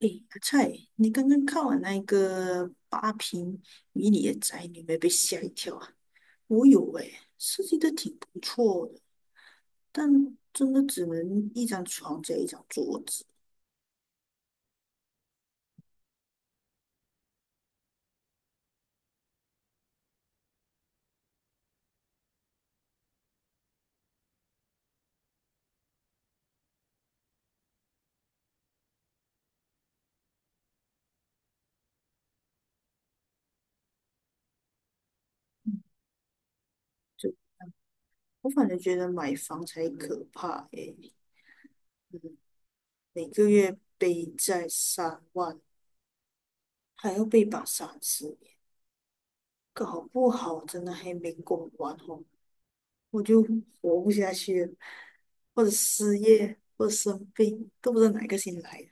诶，阿菜，你刚刚看完那个八平迷你的宅女，有没有被吓一跳啊？我有诶，设计的挺不错的，但真的只能一张床加一张桌子。就我反正觉得买房才可怕诶，嗯，每个月背债3万，还要被绑30年，搞不好真的还没供完哦，我就活不下去了，或者失业，或者生病，都不知道哪个先来。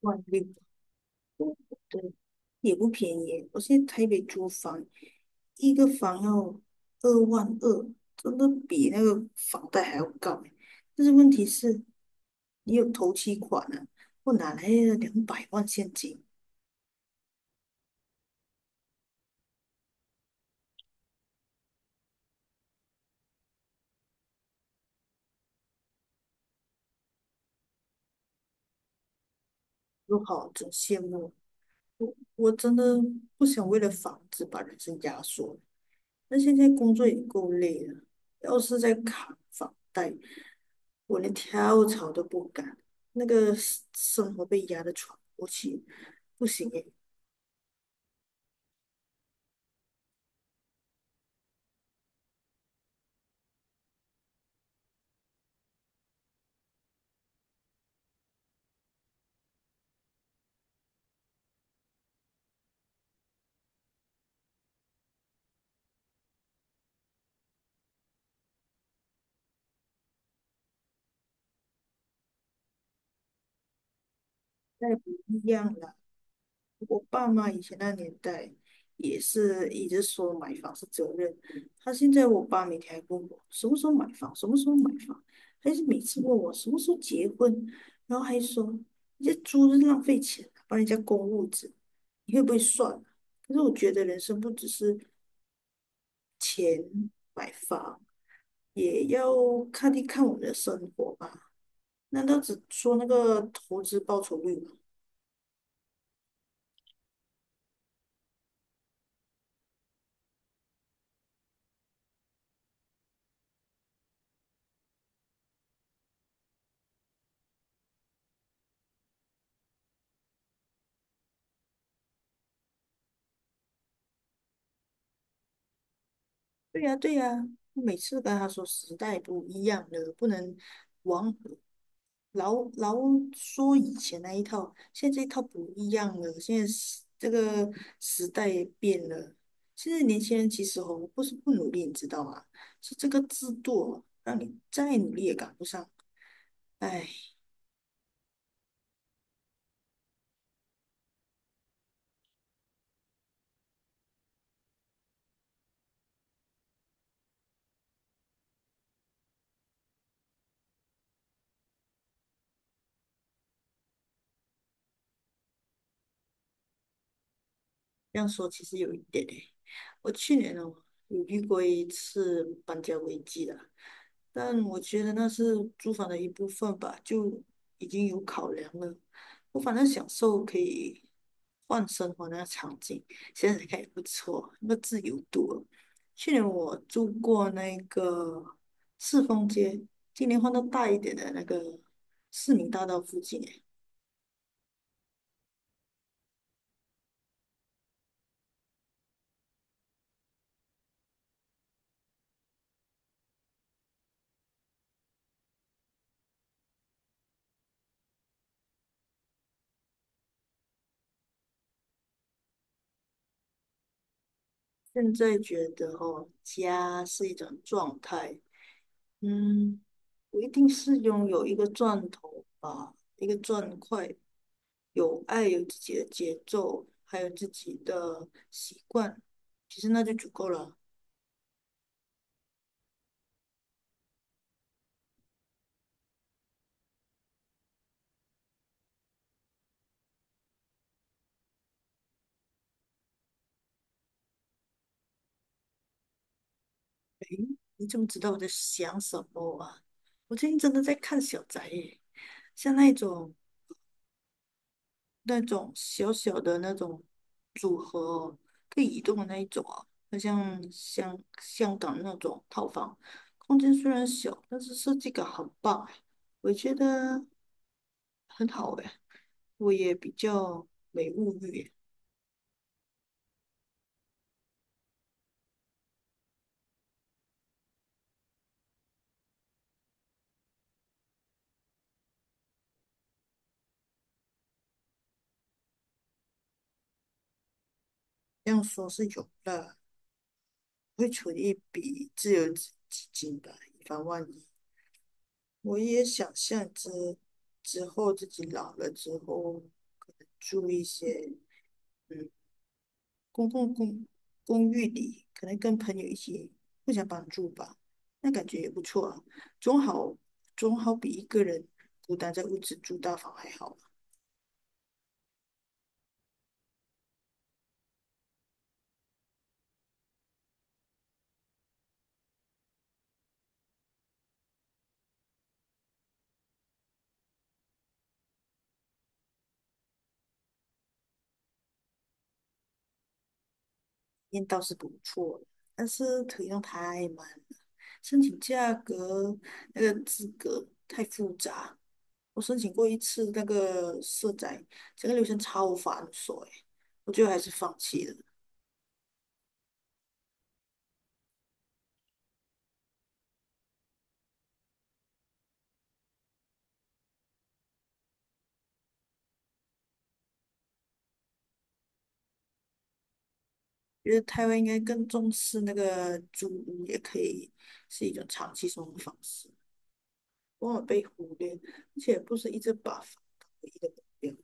万六多，对，也不便宜。我现在台北租房，一个房要2万2，真的比那个房贷还要高欸。但是问题是，你有头期款啊，我哪来的200万现金？我好，真羡慕。我真的不想为了房子把人生压缩。那现在工作也够累了，要是再扛房贷，我连跳槽都不敢，那个生活被压得喘不过气，不行诶，那不一样啦。我爸妈以前那年代也是一直说买房是责任，他现在我爸每天还问我什么时候买房，什么时候买房，还是每次问我什么时候结婚，然后还说你这租是浪费钱啊，帮人家供物质，你会不会算啊可是我觉得人生不只是钱买房。也要看一看我们的生活吧。难道只说那个投资报酬率吗？对呀，对呀，我每次跟他说时代不一样了，不能往老说以前那一套，现在这一套不一样了，现在这个时代也变了。现在年轻人其实哦，不是不努力，你知道吗？是这个制度哦让你再努力也赶不上。哎。这样说其实有一点诶，我去年呢有遇过一次搬家危机的，但我觉得那是租房的一部分吧，就已经有考量了。我反正享受可以换生活那个场景，现在看也不错，那个自由度了去年我住过那个赤峰街，今年换到大一点的那个市民大道附近诶。现在觉得哦，家是一种状态，嗯，我一定是拥有一个钻头吧，一个钻块，有爱，有自己的节奏，还有自己的习惯，其实那就足够了。你怎么知道我在想什么啊？我最近真的在看小宅耶，像那种那种小小的那种组合哦可以移动的那一种啊，好像香港那种套房，空间虽然小，但是设计感很棒哎。我觉得很好诶，我也比较没物欲耶这样说是有啦，会存一笔自由基金吧，以防万一。我也想象着之后自己老了之后，可能住一些嗯公共公公寓里，可能跟朋友一起互相帮助吧，那感觉也不错啊，总好总好比一个人孤单在屋子住大房还好。验倒是不错，但是可动用太慢了，申请价格那个资格太复杂。我申请过一次那个社宅，整个流程超繁琐诶，我最后还是放弃了。觉得台湾应该更重视那个租屋，也可以是一种长期生活方式，往往被忽略，而且不是一直把房当唯一的目标。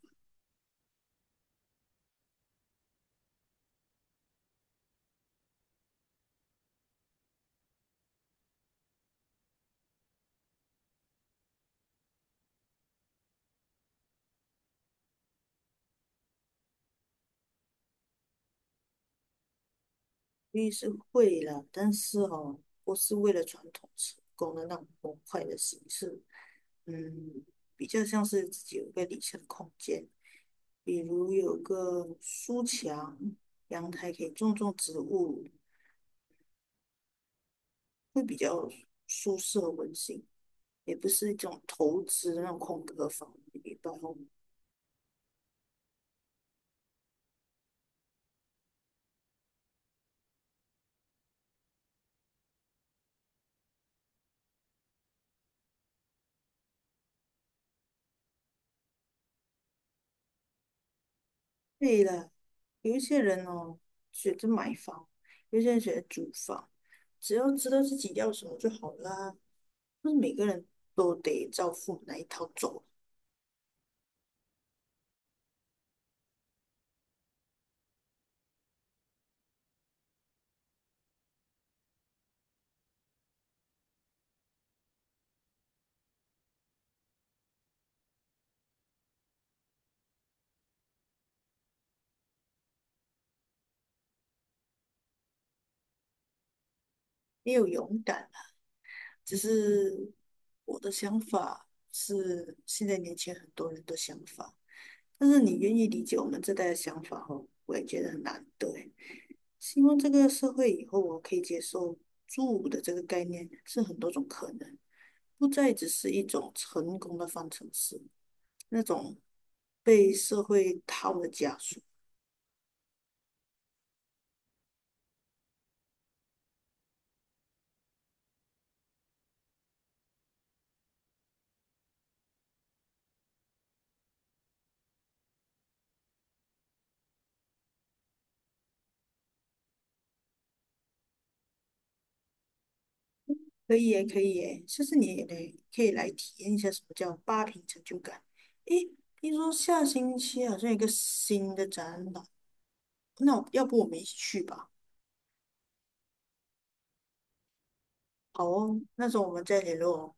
律是会了，但是哦，不是为了传统成功的那种模块的形式。嗯，比较像是自己有一个理想空间，比如有个书墙，阳台可以种种植物，会比较舒适和温馨，也不是一种投资的那种空壳房，一般哦。对了，有一些人哦选择买房，有些人选择租房，只要知道自己要什么就好啦。不是每个人都得照父母那一套走，也有勇敢。只是我的想法是现在年轻人很多人的想法，但是你愿意理解我们这代的想法哦，我也觉得很难对，希望这个社会以后我可以接受住的这个概念是很多种可能，不再只是一种成功的方程式，那种被社会套的枷锁。可以耶，可以耶，下次你也来可以来体验一下什么叫八平成就感。诶，听说下星期好像有一个新的展览那我要不我们一起去吧？好哦，那时候我们再联络哦